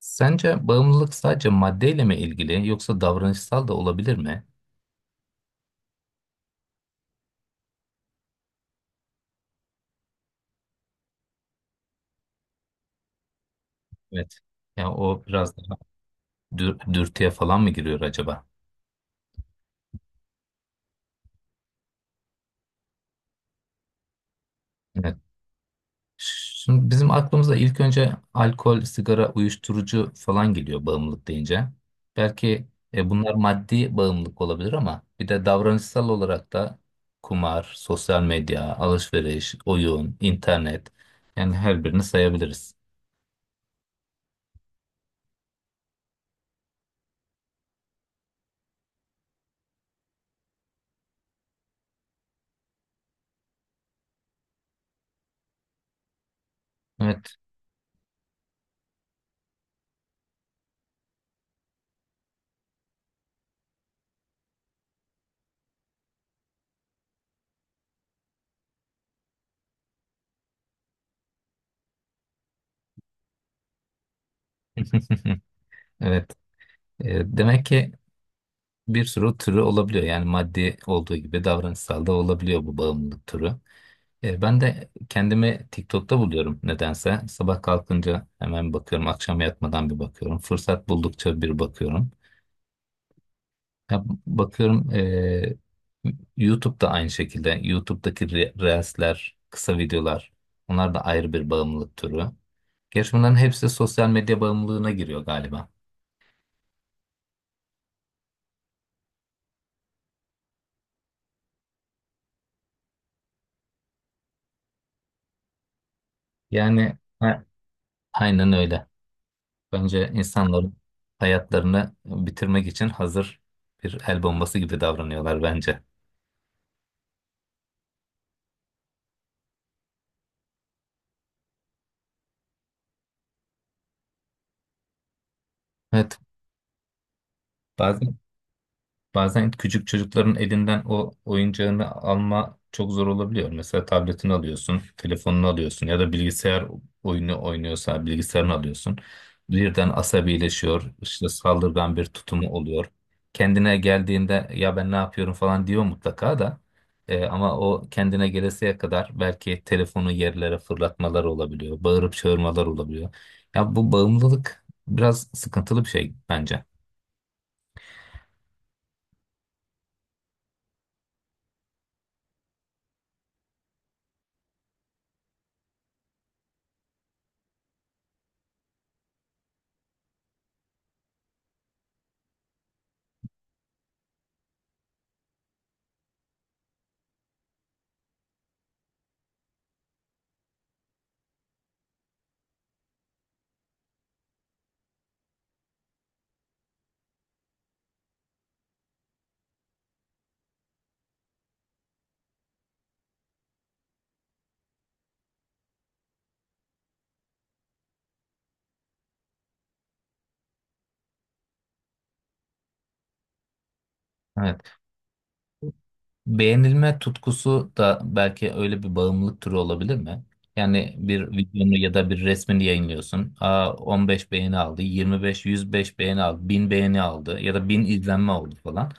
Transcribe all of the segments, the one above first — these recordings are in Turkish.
Sence bağımlılık sadece maddeyle mi ilgili yoksa davranışsal da olabilir mi? Evet. Yani o biraz daha dürtüye falan mı giriyor acaba? Evet. Şimdi bizim aklımıza ilk önce alkol, sigara, uyuşturucu falan geliyor bağımlılık deyince. Belki bunlar maddi bağımlılık olabilir ama bir de davranışsal olarak da kumar, sosyal medya, alışveriş, oyun, internet, yani her birini sayabiliriz. Evet. Evet. Demek ki bir sürü türü olabiliyor. Yani maddi olduğu gibi davranışsal da olabiliyor bu bağımlılık türü. Ben de kendimi TikTok'ta buluyorum nedense. Sabah kalkınca hemen bakıyorum, akşam yatmadan bir bakıyorum. Fırsat buldukça bir bakıyorum. Ya, bakıyorum, YouTube'da aynı şekilde. Reels'ler, kısa videolar, onlar da ayrı bir bağımlılık türü. Gerçi bunların hepsi sosyal medya bağımlılığına giriyor galiba. Yani ha, aynen öyle. Bence insanların hayatlarını bitirmek için hazır bir el bombası gibi davranıyorlar bence. Evet. Bazen Bazen küçük çocukların elinden o oyuncağını alma çok zor olabiliyor. Mesela tabletini alıyorsun, telefonunu alıyorsun ya da bilgisayar oyunu oynuyorsa bilgisayarını alıyorsun. Birden asabileşiyor, işte saldırgan bir tutumu oluyor. Kendine geldiğinde ya ben ne yapıyorum falan diyor mutlaka da. Ama o kendine gelesiye kadar belki telefonu yerlere fırlatmalar olabiliyor, bağırıp çağırmalar olabiliyor. Ya bu bağımlılık biraz sıkıntılı bir şey bence. Evet. Beğenilme tutkusu da belki öyle bir bağımlılık türü olabilir mi? Yani bir videonu ya da bir resmini yayınlıyorsun. Aa, 15 beğeni aldı, 25, 105 beğeni aldı, 1000 beğeni aldı ya da 1000 izlenme oldu falan.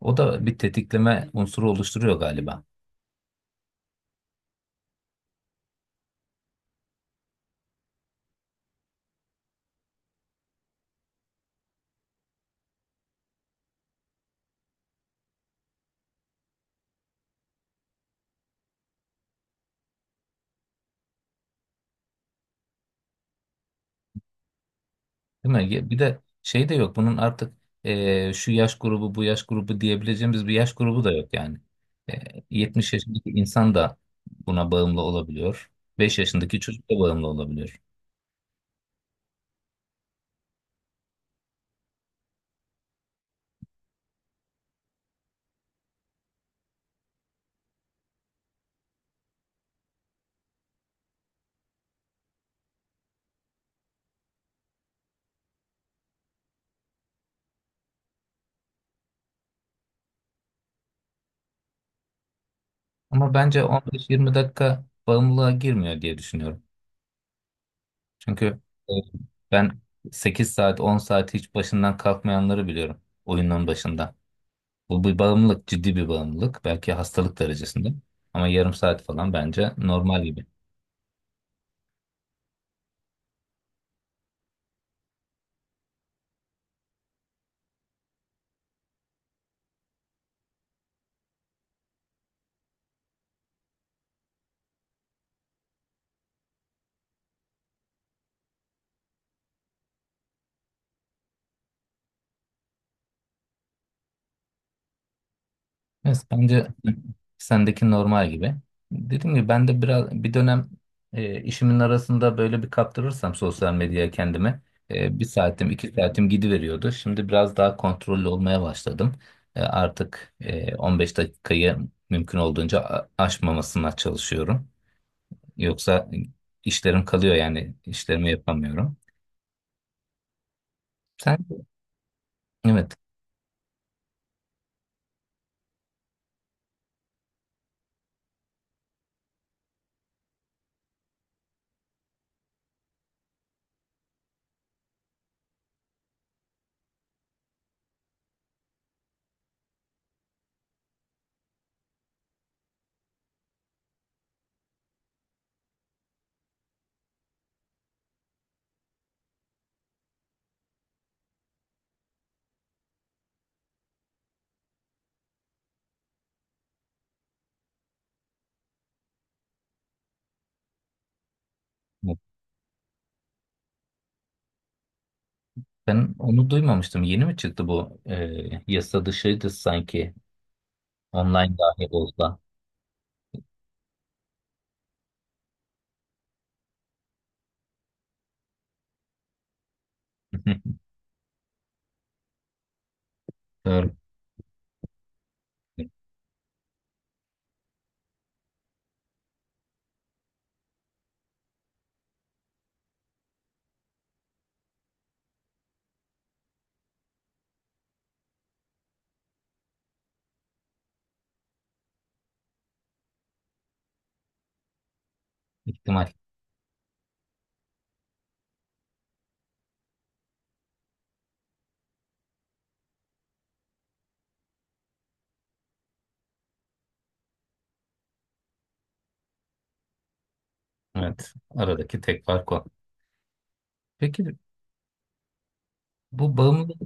O da bir tetikleme unsuru oluşturuyor galiba. Değil mi? Ya, bir de şey de yok. Bunun artık, şu yaş grubu, bu yaş grubu diyebileceğimiz bir yaş grubu da yok yani. 70 yaşındaki insan da buna bağımlı olabiliyor. 5 yaşındaki çocuk da bağımlı olabiliyor. Ama bence 15-20 dakika bağımlılığa girmiyor diye düşünüyorum. Çünkü e, ben 8 saat 10 saat hiç başından kalkmayanları biliyorum oyunun başında. Bu bir bağımlılık, ciddi bir bağımlılık. Belki hastalık derecesinde. Ama yarım saat falan bence normal gibi. Evet, bence sendeki normal gibi. Dediğim gibi ben de biraz bir dönem, işimin arasında böyle bir kaptırırsam sosyal medyaya kendimi, bir saatim iki saatim gidiveriyordu. Şimdi biraz daha kontrollü olmaya başladım. E, artık 15 dakikayı mümkün olduğunca aşmamasına çalışıyorum. Yoksa işlerim kalıyor yani işlerimi yapamıyorum. Sen, evet, ben onu duymamıştım. Yeni mi çıktı bu, yasa dışıydı sanki, online dahi olsa. Doğru. İhtimal. Evet. Aradaki tek fark o. Peki bu bağımlılık,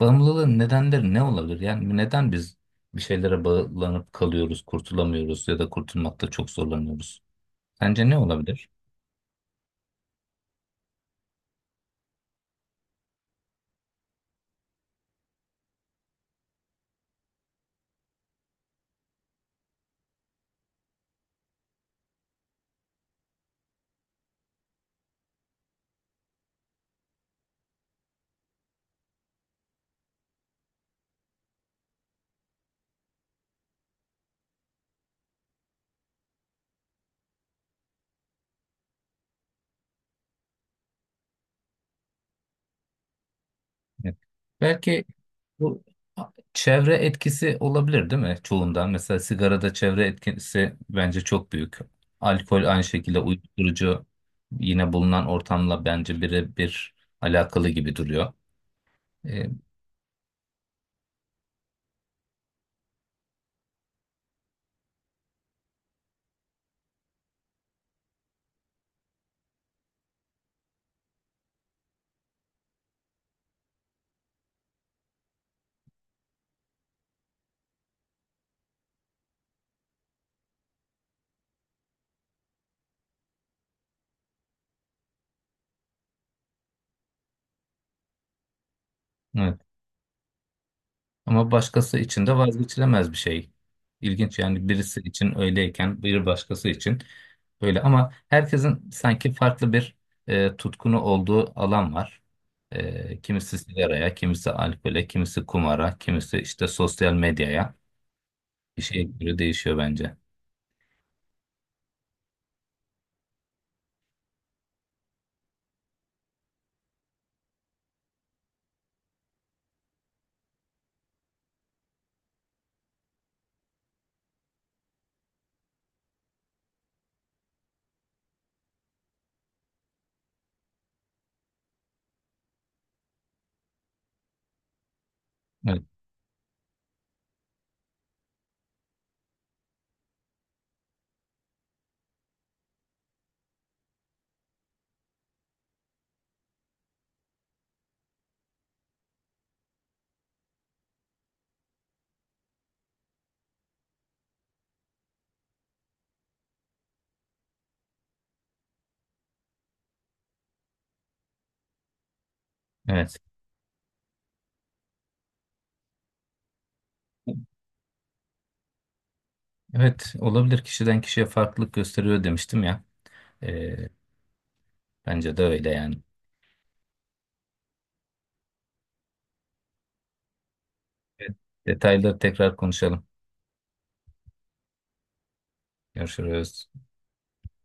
bağımlılığın nedenleri ne olabilir? Yani neden biz bir şeylere bağlanıp kalıyoruz, kurtulamıyoruz ya da kurtulmakta çok zorlanıyoruz? Sence ne olabilir? Evet. Belki bu çevre etkisi olabilir değil mi çoğunda? Mesela sigarada çevre etkisi bence çok büyük. Alkol aynı şekilde, uyuşturucu yine bulunan ortamla bence birebir alakalı gibi duruyor. Ee, evet. Ama başkası için de vazgeçilemez bir şey. İlginç yani, birisi için öyleyken bir başkası için böyle, ama herkesin sanki farklı bir, tutkunu olduğu alan var. Kimisi sigaraya, kimisi alkole, kimisi kumara, kimisi işte sosyal medyaya. Bir şeye göre değişiyor bence. Evet. Evet. Evet, olabilir, kişiden kişiye farklılık gösteriyor demiştim ya. E, Bence de öyle yani. Evet. Detayları tekrar konuşalım. Görüşürüz.